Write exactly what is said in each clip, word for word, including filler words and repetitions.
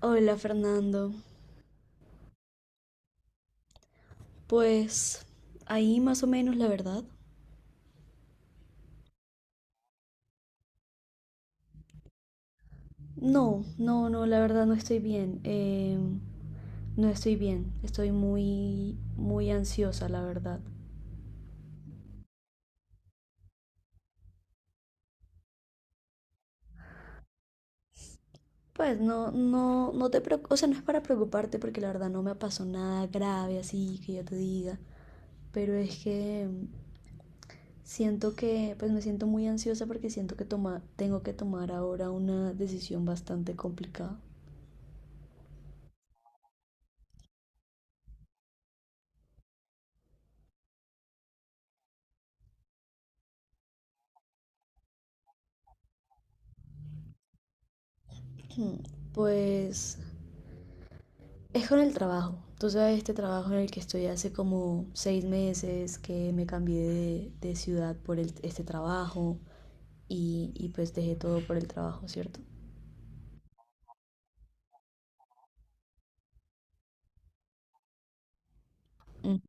Hola, Fernando, pues ahí más o menos, la verdad. No, no, no, la verdad no estoy bien. Eh, no estoy bien, estoy muy, muy ansiosa, la verdad. Pues no, no, no te preocupes, o sea, no es para preocuparte porque la verdad no me pasó nada grave así que yo te diga, pero es que mm, siento que, pues me siento muy ansiosa porque siento que toma, tengo que tomar ahora una decisión bastante complicada. Pues es con el trabajo. Tú sabes, este trabajo en el que estoy hace como seis meses, que me cambié de, de ciudad por el- este trabajo y, y pues dejé todo por el trabajo, ¿cierto? Ujú.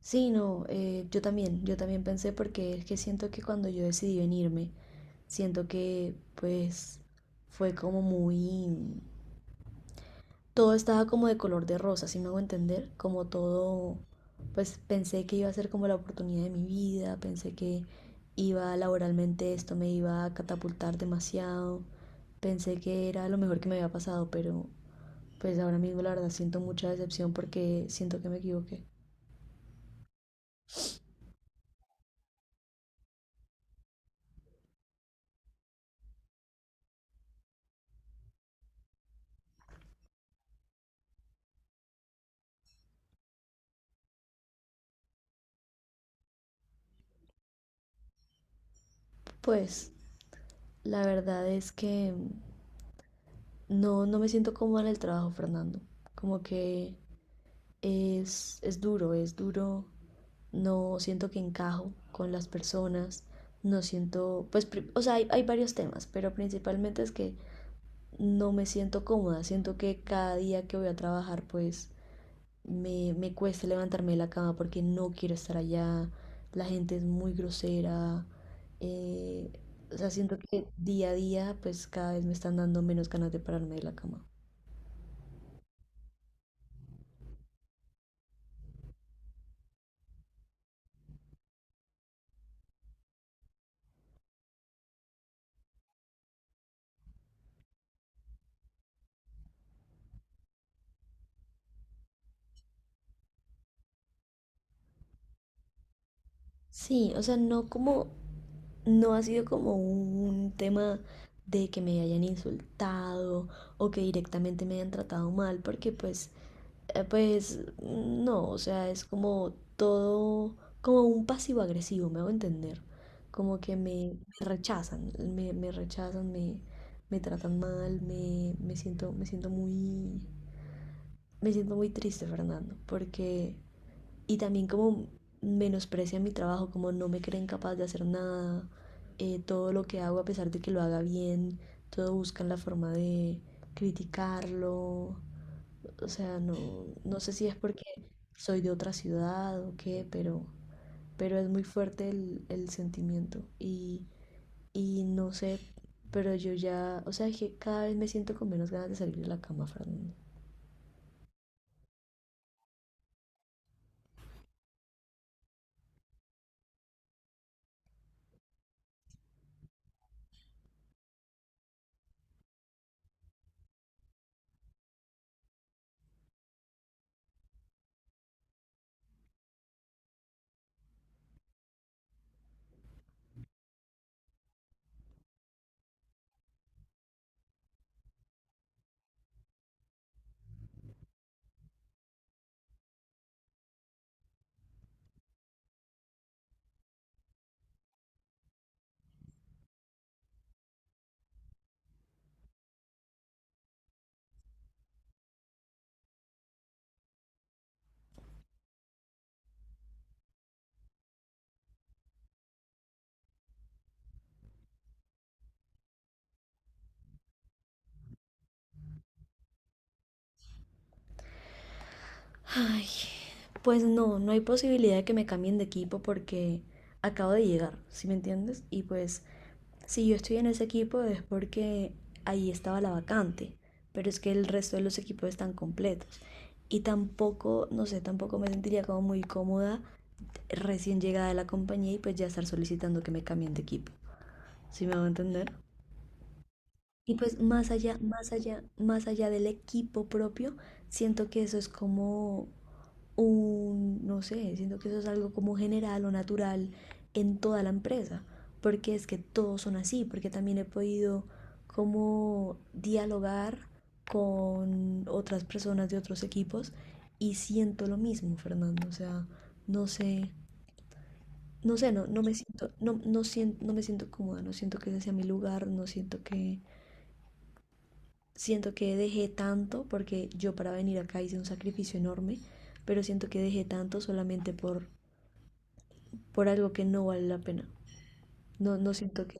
Sí, no, eh, yo también, yo también pensé porque es que siento que cuando yo decidí venirme, siento que pues fue como muy, todo estaba como de color de rosa, si me hago entender, como todo, pues pensé que iba a ser como la oportunidad de mi vida, pensé que iba laboralmente, esto me iba a catapultar demasiado, pensé que era lo mejor que me había pasado, pero pues ahora mismo la verdad siento mucha decepción porque siento que me equivoqué. Pues la verdad es que no, no me siento cómoda en el trabajo, Fernando, como que Es, es duro, es duro. No siento que encajo con las personas. No siento, pues, pri- o sea, hay, hay varios temas, pero principalmente es que no me siento cómoda. Siento que cada día que voy a trabajar, pues, me, me cuesta levantarme de la cama porque no quiero estar allá. La gente es muy grosera. eh, o sea, siento que día a día, pues, cada vez me están dando menos ganas de pararme de la cama. Sí, o sea, no como, no ha sido como un tema de que me hayan insultado o que directamente me hayan tratado mal, porque pues, eh, pues no, o sea, es como todo, como un pasivo agresivo, me hago entender. Como que me, me rechazan, me, me rechazan, me, me tratan mal, me, me siento, me siento muy, me siento muy triste, Fernando, porque, y también como menosprecian mi trabajo, como no me creen capaz de hacer nada, eh, todo lo que hago a pesar de que lo haga bien, todo buscan la forma de criticarlo, o sea, no, no sé si es porque soy de otra ciudad o qué, pero, pero es muy fuerte el, el sentimiento y, y no sé, pero yo ya, o sea, que cada vez me siento con menos ganas de salir de la cama, Fernando. Ay, pues no, no hay posibilidad de que me cambien de equipo porque acabo de llegar, ¿sí me entiendes? Y pues si yo estoy en ese equipo es porque ahí estaba la vacante, pero es que el resto de los equipos están completos. Y tampoco, no sé, tampoco me sentiría como muy cómoda recién llegada de la compañía y pues ya estar solicitando que me cambien de equipo, ¿sí me va a entender? Y pues más allá, más allá, más allá del equipo propio, siento que eso es como un, no sé, siento que eso es algo como general o natural en toda la empresa, porque es que todos son así, porque también he podido como dialogar con otras personas de otros equipos y siento lo mismo, Fernando, o sea, no sé, no sé, no, no me siento, no, no siento, no me siento cómoda, no siento que ese sea mi lugar, no siento que, siento que dejé tanto, porque yo para venir acá hice un sacrificio enorme, pero siento que dejé tanto solamente por por algo que no vale la pena. No, no siento que...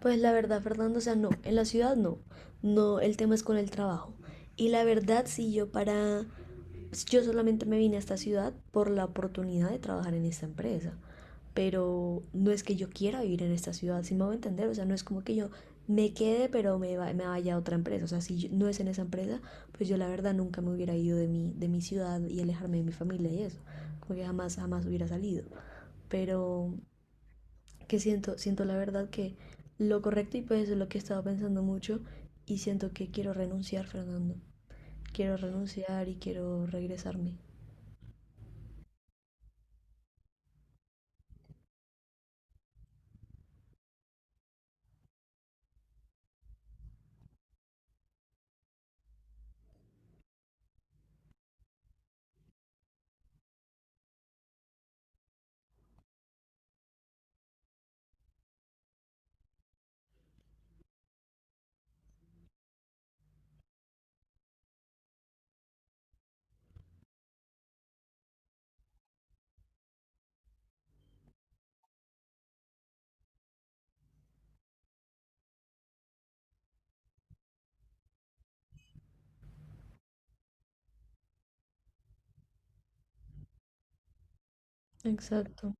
Pues la verdad, Fernando, o sea, no, en la ciudad no. No, el tema es con el trabajo. Y la verdad, si yo para... pues, yo solamente me vine a esta ciudad por la oportunidad de trabajar en esta empresa. Pero no es que yo quiera vivir en esta ciudad, si me voy a entender. O sea, no es como que yo me quede, pero me, va- me vaya a otra empresa. O sea, si yo- no es en esa empresa, pues yo la verdad nunca me hubiera ido de mi, de mi ciudad y alejarme de mi familia y eso. Como que jamás, jamás hubiera salido. Pero que siento, siento la verdad que lo correcto, y pues eso es lo que he estado pensando mucho, y siento que quiero renunciar, Fernando. Quiero renunciar y quiero regresarme. Exacto.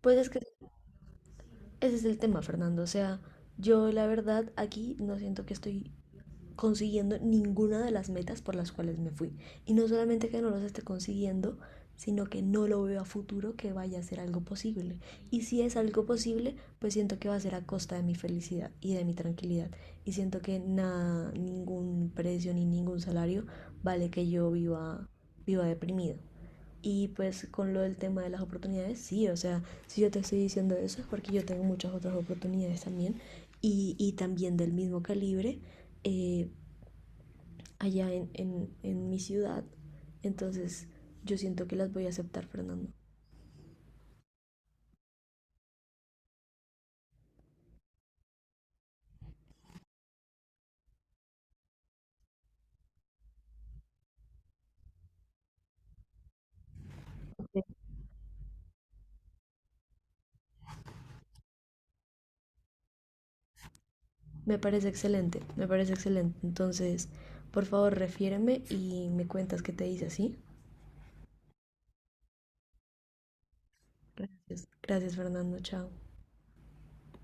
Pues es que ese es el tema, Fernando. O sea, yo la verdad aquí no siento que estoy consiguiendo ninguna de las metas por las cuales me fui. Y no solamente que no los esté consiguiendo, sino que no lo veo a futuro que vaya a ser algo posible. Y si es algo posible, pues siento que va a ser a costa de mi felicidad y de mi tranquilidad. Y siento que nada, ningún precio ni ningún salario vale que yo viva, viva deprimido. Y pues con lo del tema de las oportunidades, sí, o sea, si yo te estoy diciendo eso es porque yo tengo muchas otras oportunidades también, y, y también del mismo calibre, eh, allá en, en, en mi ciudad. Entonces yo siento que las voy a aceptar, Fernando. Me parece excelente, me parece excelente. Entonces, por favor, refiéreme y me cuentas qué te dice, ¿sí? Gracias. Gracias, Fernando. Chao.